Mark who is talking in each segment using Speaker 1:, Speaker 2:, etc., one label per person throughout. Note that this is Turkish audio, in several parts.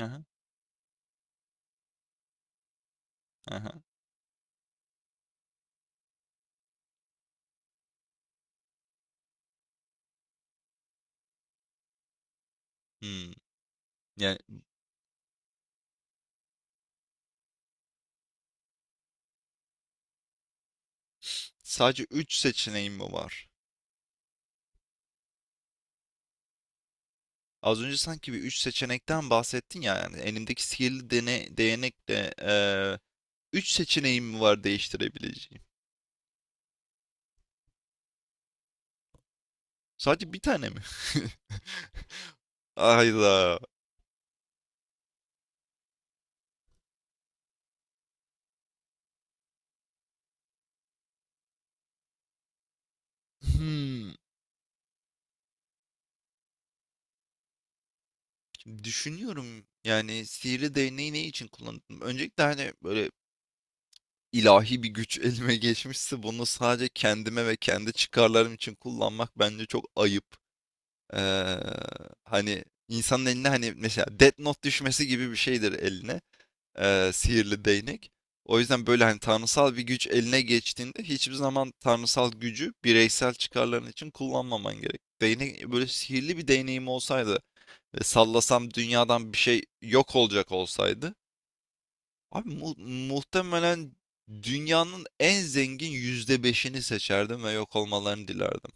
Speaker 1: Aha, aha. Hmm. Yani sadece 3 seçeneğim mi var? Az önce sanki bir 3 seçenekten bahsettin ya yani elimdeki sihirli değnek de 3 seçeneğim mi var değiştirebileceğim? Sadece bir tane mi? Ayda. Hmm. Şimdi düşünüyorum yani sihirli değneği ne için kullandım? Öncelikle hani böyle ilahi bir güç elime geçmişse bunu sadece kendime ve kendi çıkarlarım için kullanmak bence çok ayıp. Eee, hani insanın eline hani mesela Death Note düşmesi gibi bir şeydir eline sihirli değnek. O yüzden böyle hani tanrısal bir güç eline geçtiğinde hiçbir zaman tanrısal gücü bireysel çıkarların için kullanmaman gerek. Değnek böyle sihirli bir değneğim olsaydı ve sallasam dünyadan bir şey yok olacak olsaydı abi muhtemelen dünyanın en zengin %5'ini seçerdim ve yok olmalarını dilerdim.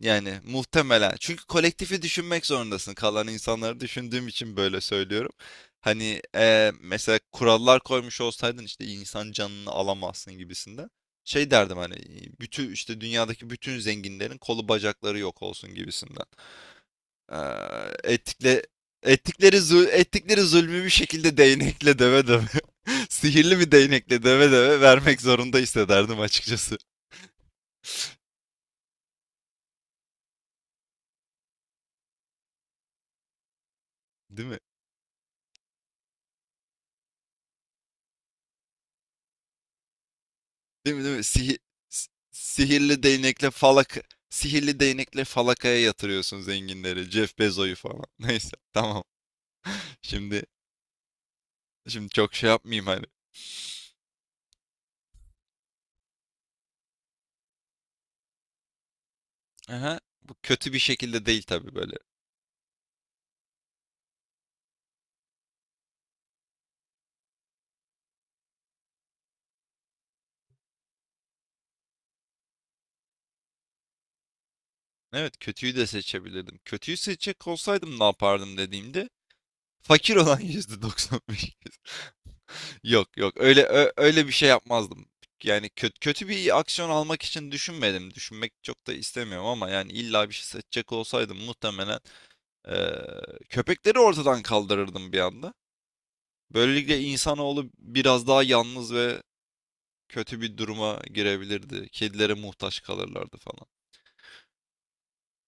Speaker 1: Yani muhtemelen. Çünkü kolektifi düşünmek zorundasın. Kalan insanları düşündüğüm için böyle söylüyorum. Hani mesela kurallar koymuş olsaydın işte insan canını alamazsın gibisinde. Şey derdim hani bütün işte dünyadaki bütün zenginlerin kolu bacakları yok olsun gibisinden. Eee ettikle, Ettikleri zulmü bir şekilde değnekle döve döve. Sihirli bir değnekle döve döve vermek zorunda hissederdim açıkçası. Değil mi? Değil mi? Sihirli değnekle falakaya yatırıyorsun zenginleri. Jeff Bezos'u falan. Neyse tamam. Şimdi şimdi çok şey yapmayayım hani. Aha, bu kötü bir şekilde değil tabii böyle. Evet kötüyü de seçebilirdim. Kötüyü seçecek olsaydım ne yapardım dediğimde fakir olan %95. Yok yok öyle öyle bir şey yapmazdım. Yani kötü, kötü bir aksiyon almak için düşünmedim. Düşünmek çok da istemiyorum ama yani illa bir şey seçecek olsaydım muhtemelen Ee, köpekleri ortadan kaldırırdım bir anda. Böylelikle insanoğlu biraz daha yalnız ve kötü bir duruma girebilirdi. Kedilere muhtaç kalırlardı falan.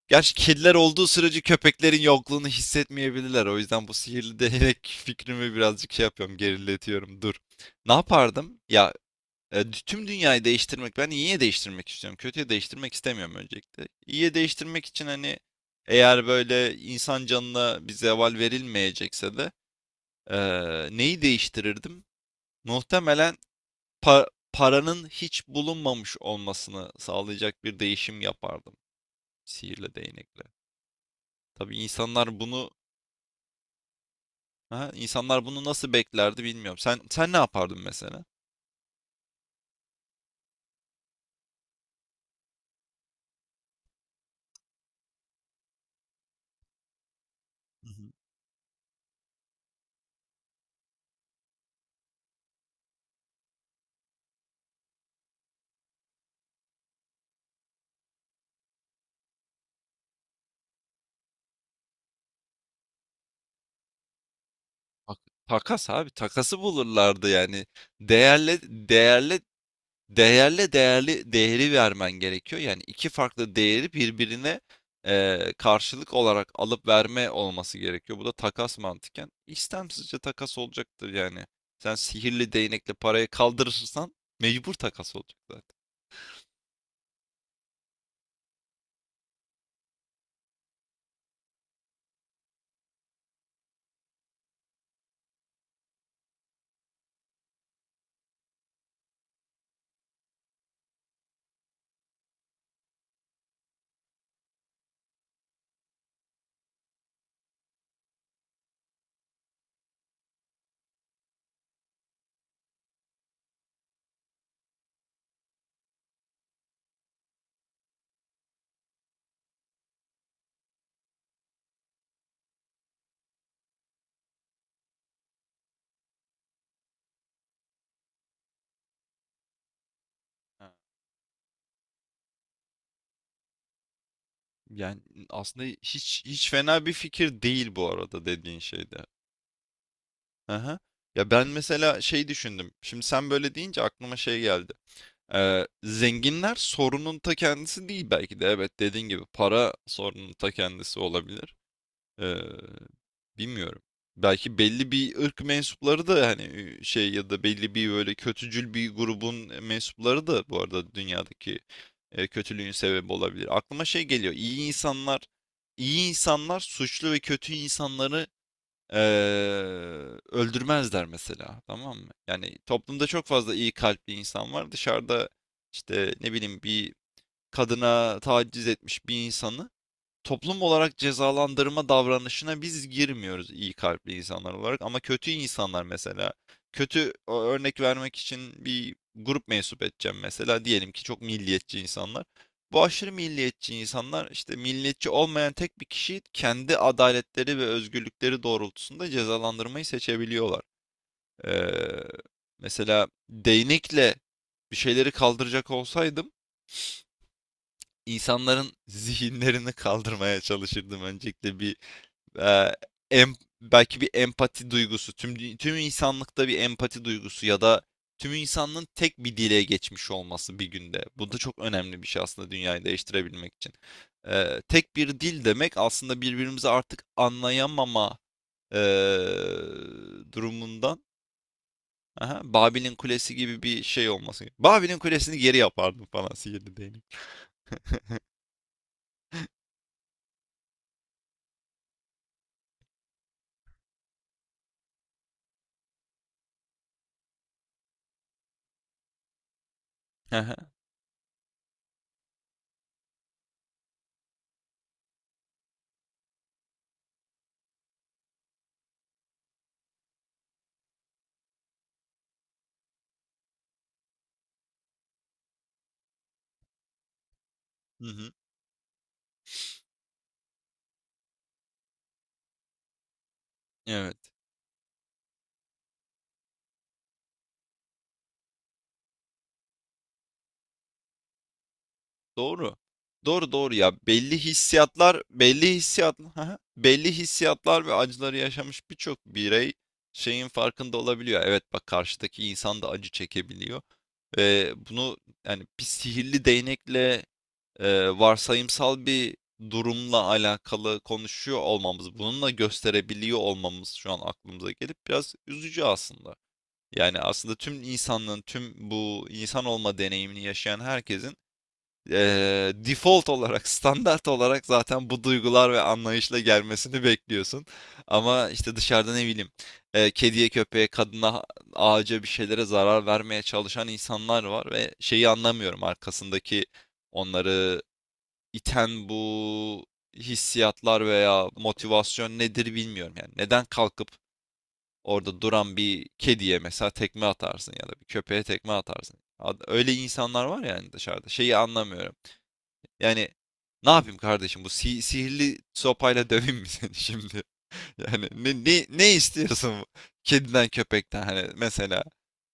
Speaker 1: Gerçi kediler olduğu sürece köpeklerin yokluğunu hissetmeyebilirler. O yüzden bu sihirli değnek fikrimi birazcık şey yapıyorum, geriletiyorum. Dur. Ne yapardım? Ya tüm dünyayı değiştirmek, ben iyiye değiştirmek istiyorum. Kötüye değiştirmek istemiyorum öncelikle. İyiye değiştirmek için hani eğer böyle insan canına bir zeval verilmeyecekse de neyi değiştirirdim? Muhtemelen paranın hiç bulunmamış olmasını sağlayacak bir değişim yapardım sihirle değnekle. Tabii insanlar bunu nasıl beklerdi bilmiyorum. Sen ne yapardın mesela? Hı hı. Tak- takas, abi, takası bulurlardı yani. Değerle değerle Değerle değerli değeri vermen gerekiyor. Yani iki farklı değeri birbirine karşılık olarak alıp verme olması gerekiyor. Bu da takas mantıken istemsizce takas olacaktır yani. Sen sihirli değnekle parayı kaldırırsan mecbur takas olacak zaten. Ha. Yani aslında hiç fena bir fikir değil bu arada dediğin şeyde. Aha. Ya ben mesela şey düşündüm. Şimdi sen böyle deyince aklıma şey geldi. Zenginler sorunun ta kendisi değil belki de. Evet dediğin gibi para sorunun ta kendisi olabilir. Ee, bilmiyorum. Belki belli bir ırk mensupları da hani şey ya da belli bir böyle kötücül bir grubun mensupları da bu arada dünyadaki kötülüğün sebebi olabilir. Aklıma şey geliyor. İyi insanlar suçlu ve kötü insanları Eee, öldürmezler mesela, tamam mı? Yani toplumda çok fazla iyi kalpli insan var. Dışarıda işte ne bileyim bir kadına taciz etmiş bir insanı toplum olarak cezalandırma davranışına biz girmiyoruz iyi kalpli insanlar olarak ama kötü insanlar mesela kötü örnek vermek için bir grup mensup edeceğim mesela diyelim ki çok milliyetçi insanlar. Bu aşırı milliyetçi insanlar işte milliyetçi olmayan tek bir kişiyi kendi adaletleri ve özgürlükleri doğrultusunda cezalandırmayı seçebiliyorlar. Ee, mesela değnekle bir şeyleri kaldıracak olsaydım insanların zihinlerini kaldırmaya çalışırdım. Öncelikle bir e, em- belki bir empati duygusu, tüm insanlıkta bir empati duygusu ya da tüm insanlığın tek bir dile geçmiş olması bir günde. Bu da çok önemli bir şey aslında dünyayı değiştirebilmek için. Tek bir dil demek aslında birbirimizi artık anlayamama e, durumundan aha, Babil'in Kulesi gibi bir şey olması. Babil'in Kulesi'ni geri yapardım falan sihirli değnek. Aha, hı hı. Evet. Doğru. Doğru, doğru ya. Belli hissiyatlar, belli hissiyat, Haha. Belli hissiyatlar ve acıları yaşamış birçok birey şeyin farkında olabiliyor. Evet bak karşıdaki insan da acı çekebiliyor. Ve bunu yani bir sihirli değnekle varsayımsal bir durumla alakalı konuşuyor olmamız, bununla gösterebiliyor olmamız şu an aklımıza gelip biraz üzücü aslında. Yani aslında tüm insanlığın, tüm bu insan olma deneyimini yaşayan herkesin default olarak, standart olarak zaten bu duygular ve anlayışla gelmesini bekliyorsun. Ama işte dışarıda ne bileyim, kediye, köpeğe, kadına, ağaca bir şeylere zarar vermeye çalışan insanlar var ve şeyi anlamıyorum arkasındaki onları iten bu hissiyatlar veya motivasyon nedir bilmiyorum yani. Neden kalkıp orada duran bir kediye mesela tekme atarsın ya da bir köpeğe tekme atarsın. Öyle insanlar var yani dışarıda. Şeyi anlamıyorum. Yani ne yapayım kardeşim bu sihirli sopayla döveyim mi seni şimdi? Yani ne istiyorsun kediden köpekten hani mesela?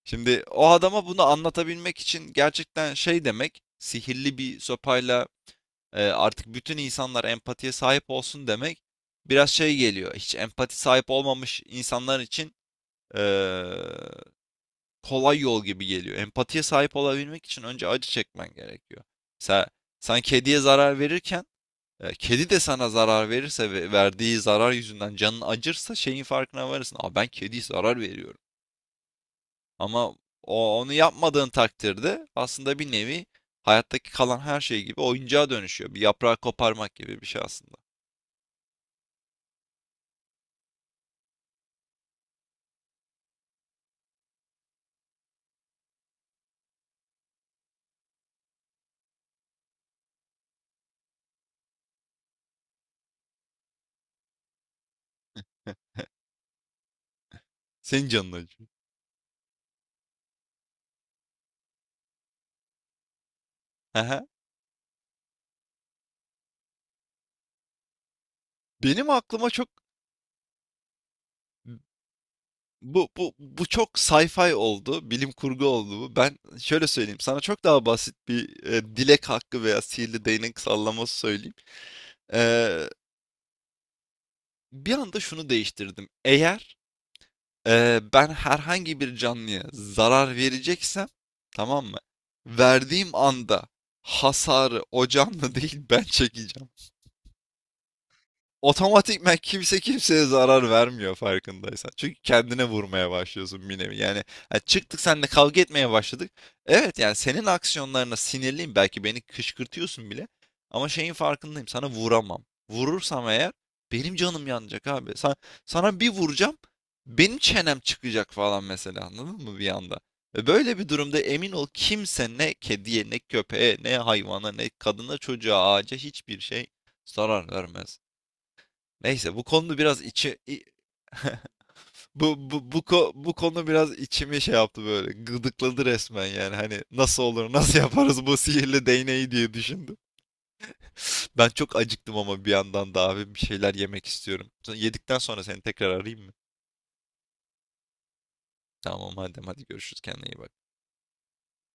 Speaker 1: Şimdi o adama bunu anlatabilmek için gerçekten şey demek sihirli bir sopayla artık bütün insanlar empatiye sahip olsun demek biraz şey geliyor. Hiç empati sahip olmamış insanlar için e, kolay yol gibi geliyor. Empatiye sahip olabilmek için önce acı çekmen gerekiyor. Mesela sen kediye zarar verirken kedi de sana zarar verirse ve verdiği zarar yüzünden canın acırsa şeyin farkına varırsın. Aa, ben kediye zarar veriyorum. Ama onu yapmadığın takdirde aslında bir nevi hayattaki kalan her şey gibi oyuncağa dönüşüyor. Bir yaprağı koparmak gibi bir şey aslında. Senin canın acıyor. Aha. Benim aklıma çok Bu çok sci-fi oldu, bilim kurgu oldu bu. Ben şöyle söyleyeyim, sana çok daha basit bir dilek hakkı veya sihirli değnek sallaması söyleyeyim. Ee, Bir anda şunu değiştirdim. Eğer, ben herhangi bir canlıya zarar vereceksem, tamam mı? Verdiğim anda hasarı o canlı değil ben çekeceğim otomatikman kimse kimseye zarar vermiyor farkındaysan. Çünkü kendine vurmaya başlıyorsun bir nevi. Yani, ha, çıktık seninle kavga etmeye başladık. Evet yani senin aksiyonlarına sinirliyim. Belki beni kışkırtıyorsun bile. Ama şeyin farkındayım. Sana vuramam. Vurursam eğer benim canım yanacak abi. Sana bir vuracağım. Benim çenem çıkacak falan mesela anladın mı bir anda? Ve böyle bir durumda emin ol kimse ne kediye ne köpeğe ne hayvana ne kadına çocuğa ağaca hiçbir şey zarar vermez. Neyse bu konu biraz Bu konu biraz içimi şey yaptı böyle gıdıkladı resmen yani hani nasıl olur nasıl yaparız bu sihirli değneği diye düşündüm. Ben çok acıktım ama bir yandan da abi bir şeyler yemek istiyorum. Yedikten sonra seni tekrar arayayım mı? Tamam madem hadi görüşürüz, kendine iyi bak.